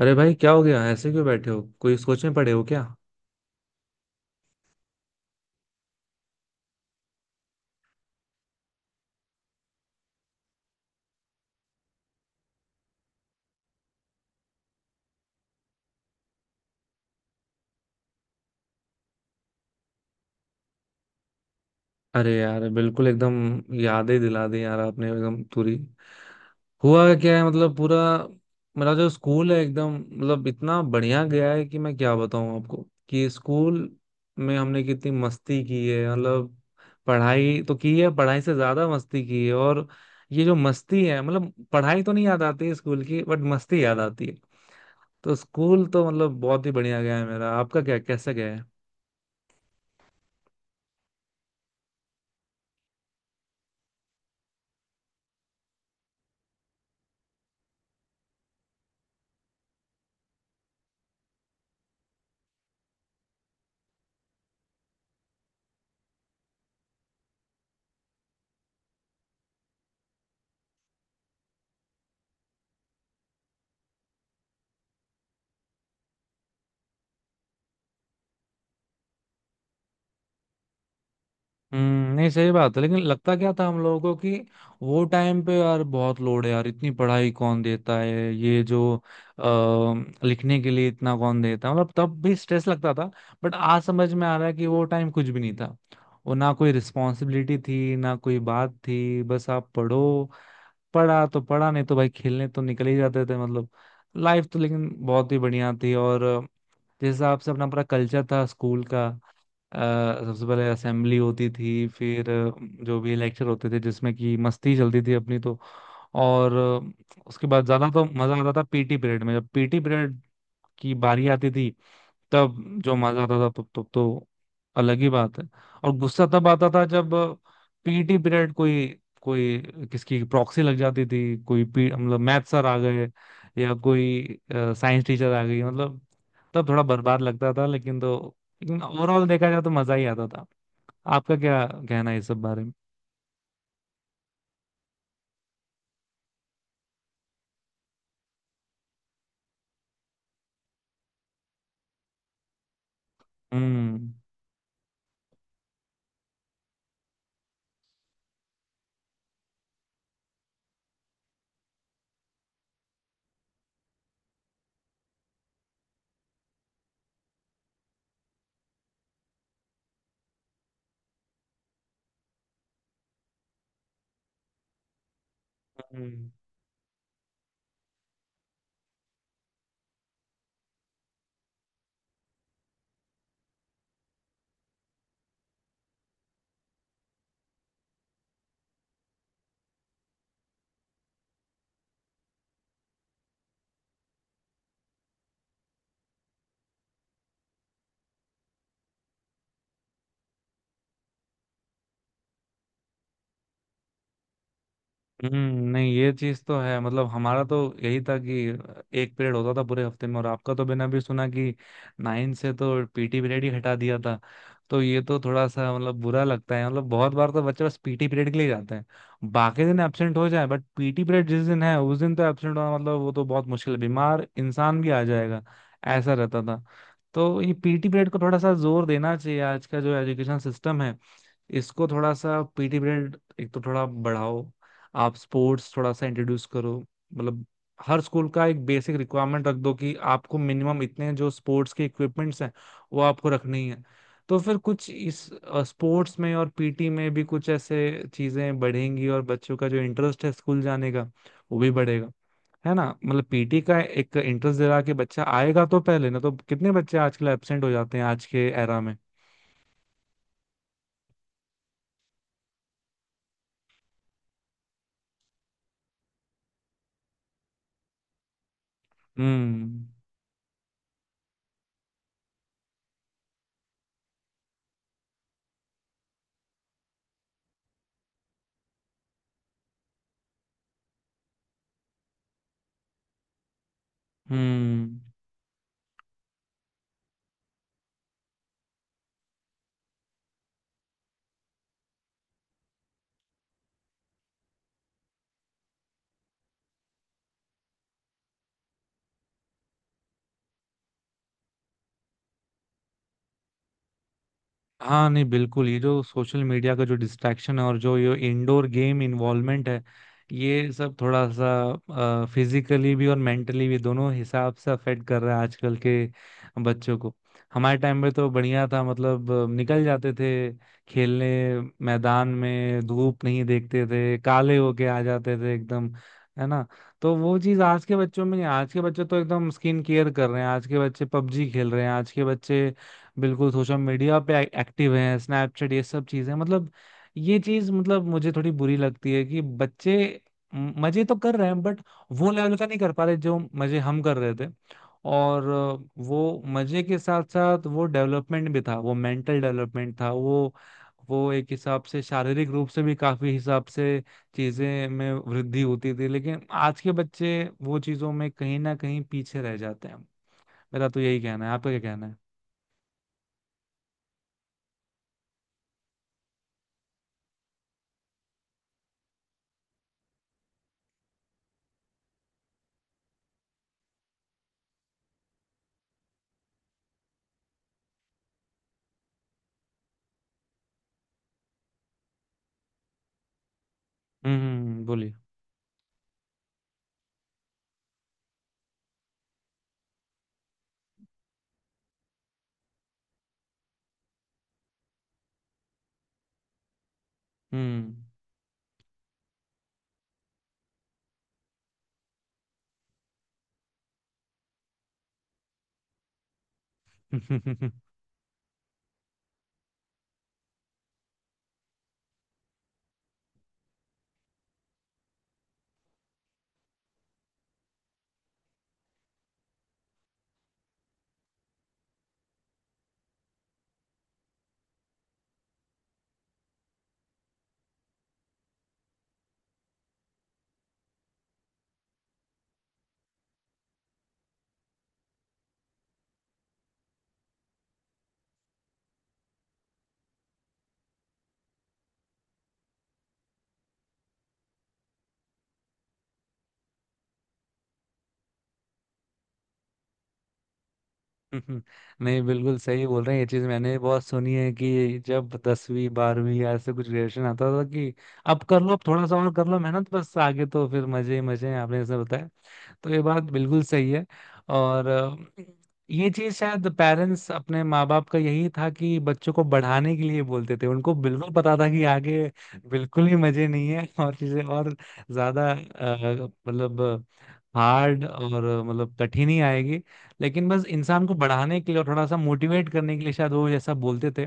अरे भाई क्या हो गया? ऐसे क्यों बैठे हो? कोई सोच में पड़े हो क्या? अरे यार, बिल्कुल एकदम यादें दिला दी यार आपने, एकदम पूरी। हुआ क्या है मतलब पूरा। मेरा जो स्कूल है एकदम मतलब इतना बढ़िया गया है कि मैं क्या बताऊं आपको, कि स्कूल में हमने कितनी मस्ती की है मतलब। पढ़ाई तो की है, पढ़ाई से ज्यादा मस्ती की है। और ये जो मस्ती है मतलब, पढ़ाई तो नहीं याद आती है स्कूल की बट मस्ती याद आती है। तो स्कूल तो मतलब बहुत ही बढ़िया गया है मेरा। आपका क्या, कैसा गया है? हम्म। नहीं, सही बात है। लेकिन लगता क्या था हम लोगों को कि वो टाइम पे यार बहुत लोड है यार, इतनी पढ़ाई कौन देता है, ये जो लिखने के लिए इतना कौन देता है, मतलब तब भी स्ट्रेस लगता था। बट आज समझ में आ रहा है कि वो टाइम कुछ भी नहीं था। वो ना कोई रिस्पॉन्सिबिलिटी थी ना कोई बात थी, बस आप पढ़ो। पढ़ा तो पढ़ा, नहीं तो भाई खेलने तो निकल ही जाते थे मतलब। लाइफ तो लेकिन बहुत ही बढ़िया थी। और जिस हिसाब से अपना पूरा कल्चर था स्कूल का, अ, सबसे पहले असेंबली होती थी, फिर जो भी लेक्चर होते थे जिसमें कि मस्ती चलती थी अपनी तो। और उसके बाद ज्यादा तो मजा आता था पीटी पीरियड में। जब पीटी पीरियड की बारी आती थी तब जो मजा आता था, तब तब तो अलग ही बात है। और गुस्सा तब आता था जब पीटी पीरियड कोई कोई किसकी प्रॉक्सी लग जाती थी। कोई मतलब मैथ सर आ गए या कोई साइंस टीचर आ गई, मतलब तब थोड़ा बर्बाद लगता था। लेकिन ओवरऑल देखा जाए तो मजा ही आता था। आपका क्या कहना है इस सब बारे में? हम्म हम्म। नहीं, ये चीज तो है मतलब। हमारा तो यही था कि एक पीरियड होता था पूरे हफ्ते में, और आपका तो मैंने अभी सुना कि नाइन से तो पीटी पीरियड ही हटा दिया था। तो ये तो थोड़ा सा मतलब बुरा लगता है। मतलब बहुत बार तो बच्चे बस पीटी पीरियड के लिए जाते हैं, बाकी दिन एब्सेंट हो जाए, बट पीटी पीरियड जिस दिन है उस दिन तो एब्सेंट होना मतलब वो तो बहुत मुश्किल है, बीमार इंसान भी आ जाएगा, ऐसा रहता था। तो ये पीटी पीरियड को थोड़ा सा जोर देना चाहिए। आज का जो एजुकेशन सिस्टम है इसको, थोड़ा सा पीटी पीरियड एक तो थोड़ा बढ़ाओ। आप स्पोर्ट्स थोड़ा सा इंट्रोड्यूस करो। मतलब हर स्कूल का एक बेसिक रिक्वायरमेंट रख दो कि आपको मिनिमम इतने जो स्पोर्ट्स के इक्विपमेंट्स हैं वो आपको रखनी है। तो फिर कुछ इस स्पोर्ट्स में और पीटी में भी कुछ ऐसे चीजें बढ़ेंगी, और बच्चों का जो इंटरेस्ट है स्कूल जाने का वो भी बढ़ेगा। है ना? मतलब पीटी का एक इंटरेस्ट दिला के बच्चा आएगा तो पहले, ना तो कितने बच्चे आजकल एब्सेंट हो जाते हैं आज के एरा में। हम्म हम्म। हाँ, नहीं बिल्कुल, ये जो सोशल मीडिया का जो डिस्ट्रैक्शन है और जो ये इंडोर गेम इन्वॉल्वमेंट है, ये सब थोड़ा सा फिजिकली भी और मेंटली भी दोनों हिसाब से अफेक्ट कर रहा है आजकल के बच्चों को। हमारे टाइम में तो बढ़िया था मतलब, निकल जाते थे खेलने, मैदान में, धूप नहीं देखते थे, काले होके आ जाते थे एकदम, है ना? तो वो चीज आज के बच्चों में नहीं। आज के बच्चे तो एकदम स्किन केयर कर रहे हैं, आज के बच्चे पबजी खेल रहे हैं, आज के बच्चे बिल्कुल सोशल मीडिया पे एक्टिव हैं, स्नैपचैट, ये सब चीजें मतलब। ये चीज मतलब मुझे थोड़ी बुरी लगती है कि बच्चे मजे तो कर रहे हैं बट वो लेवल का नहीं कर पा रहे जो मजे हम कर रहे थे। और वो मजे के साथ साथ वो डेवलपमेंट भी था, वो मेंटल डेवलपमेंट था, वो एक हिसाब से शारीरिक रूप से भी काफी हिसाब से चीजें में वृद्धि होती थी। लेकिन आज के बच्चे वो चीजों में कहीं ना कहीं पीछे रह जाते हैं। मेरा तो यही कहना है। आपका क्या कहना है? बोलिए। हम्म। हम्म, नहीं बिल्कुल सही बोल रहे हैं। ये चीज मैंने भी बहुत सुनी है कि जब दसवीं बारहवीं या ऐसे कुछ ग्रेजुएशन आता था कि अब कर लो, अब थोड़ा सा और कर लो मेहनत, बस आगे तो फिर मजे ही मजे हैं, आपने ऐसे बताया। तो ये बात बिल्कुल सही है। और ये चीज शायद पेरेंट्स, अपने माँ बाप का यही था कि बच्चों को बढ़ाने के लिए बोलते थे। उनको बिल्कुल पता था कि आगे बिल्कुल ही मजे नहीं है और चीजें और ज्यादा मतलब हार्ड और मतलब कठिन ही आएगी। लेकिन बस इंसान को बढ़ाने के लिए और थोड़ा सा मोटिवेट करने के लिए शायद वो जैसा बोलते थे।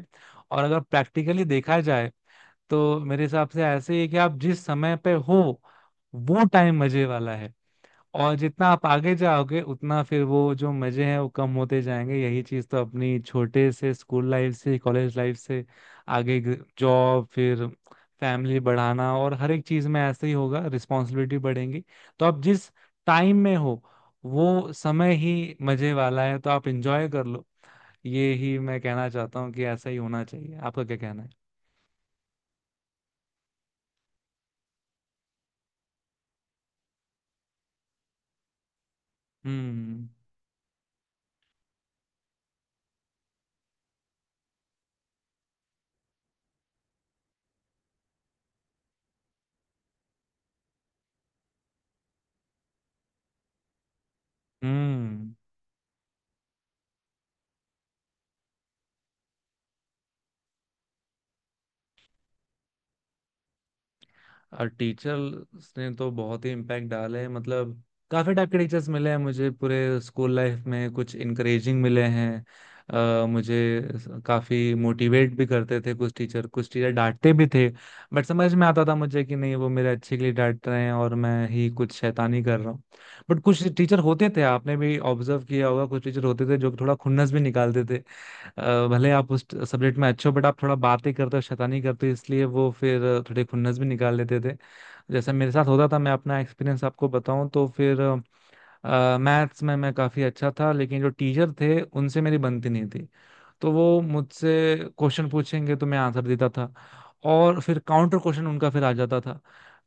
और अगर प्रैक्टिकली देखा जाए तो मेरे हिसाब से ऐसे ही है कि आप जिस समय पे हो वो टाइम मजे वाला है। और जितना आप आगे जाओगे उतना फिर वो जो मजे हैं वो कम होते जाएंगे। यही चीज तो, अपनी छोटे से स्कूल लाइफ से कॉलेज लाइफ से आगे जॉब, फिर फैमिली बढ़ाना, और हर एक चीज में ऐसे ही होगा, रिस्पॉन्सिबिलिटी बढ़ेंगी। तो आप जिस टाइम में हो वो समय ही मजे वाला है, तो आप इंजॉय कर लो। ये ही मैं कहना चाहता हूँ कि ऐसा ही होना चाहिए। आपका क्या कहना है? हम्म हम्म। और टीचर्स ने तो बहुत ही इम्पैक्ट डाला है मतलब। काफी टाइप के टीचर्स मिले हैं मुझे पूरे स्कूल लाइफ में। कुछ इनकरेजिंग मिले हैं, मुझे काफी मोटिवेट भी करते थे कुछ टीचर। कुछ टीचर डांटते भी थे बट समझ में आता था मुझे कि नहीं, वो मेरे अच्छे के लिए डांट रहे हैं और मैं ही कुछ शैतानी कर रहा हूँ। बट कुछ टीचर होते थे, आपने भी ऑब्जर्व किया होगा, कुछ टीचर होते थे जो थोड़ा खुन्नस भी निकालते थे। भले आप उस सब्जेक्ट में अच्छे हो बट आप थोड़ा बातें करते हो, शैतानी करते हो, इसलिए वो फिर थोड़े खुन्नस भी निकाल लेते थे। जैसे मेरे साथ होता था, मैं अपना एक्सपीरियंस आपको बताऊं तो फिर मैथ्स में मैं काफ़ी अच्छा था लेकिन जो टीचर थे उनसे मेरी बनती नहीं थी। तो वो मुझसे क्वेश्चन पूछेंगे तो मैं आंसर देता था। और फिर काउंटर क्वेश्चन उनका फिर आ जाता था।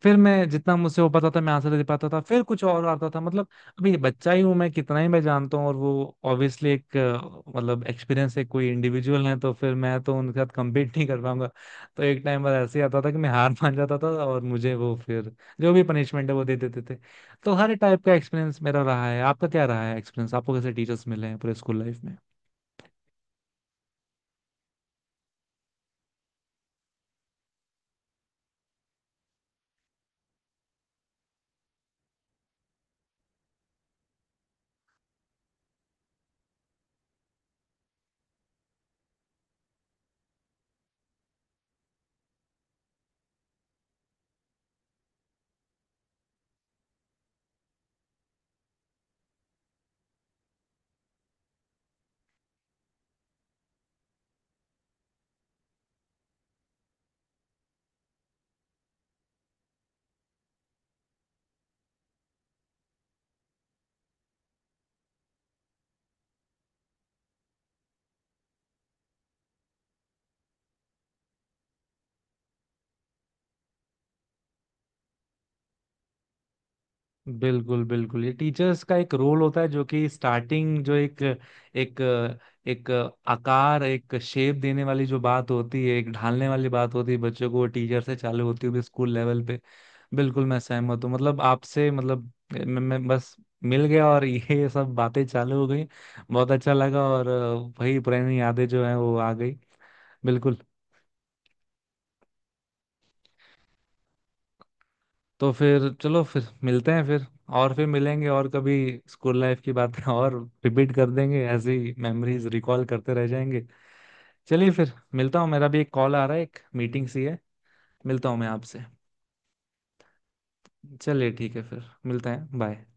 फिर मैं जितना मुझसे हो पाता था मैं आंसर दे पाता था, फिर कुछ और आता था मतलब। अभी ये बच्चा ही हूं मैं, कितना ही मैं जानता हूँ, और वो ऑब्वियसली एक मतलब एक्सपीरियंस है, कोई इंडिविजुअल है, तो फिर मैं तो उनके साथ कम्पीट नहीं कर पाऊंगा। तो एक टाइम पर ऐसे ही आता था कि मैं हार मान जाता था और मुझे वो फिर जो भी पनिशमेंट है वो दे देते थे। तो हर टाइप का एक्सपीरियंस मेरा रहा है। आपका क्या रहा है एक्सपीरियंस? आपको कैसे टीचर्स मिले हैं पूरे स्कूल लाइफ? बिल्कुल बिल्कुल, ये टीचर्स का एक रोल होता है जो कि स्टार्टिंग जो एक एक एक आकार, एक शेप देने वाली जो बात होती है, एक ढालने वाली बात होती है बच्चों को, वो टीचर से चालू होती हुई स्कूल लेवल पे। बिल्कुल मैं सहमत हूँ मतलब आपसे। मतलब मैं बस मिल गया और ये सब बातें चालू हो गई। बहुत अच्छा लगा। और वही पुरानी यादें जो हैं वो आ गई। बिल्कुल। तो फिर चलो फिर मिलते हैं फिर। और फिर मिलेंगे, और कभी स्कूल लाइफ की बातें और रिपीट कर देंगे, ऐसे ही मेमोरीज रिकॉल करते रह जाएंगे। चलिए फिर मिलता हूँ, मेरा भी एक कॉल आ रहा है, एक मीटिंग सी है। मिलता हूँ मैं आपसे। चलिए ठीक है, फिर मिलते हैं, बाय।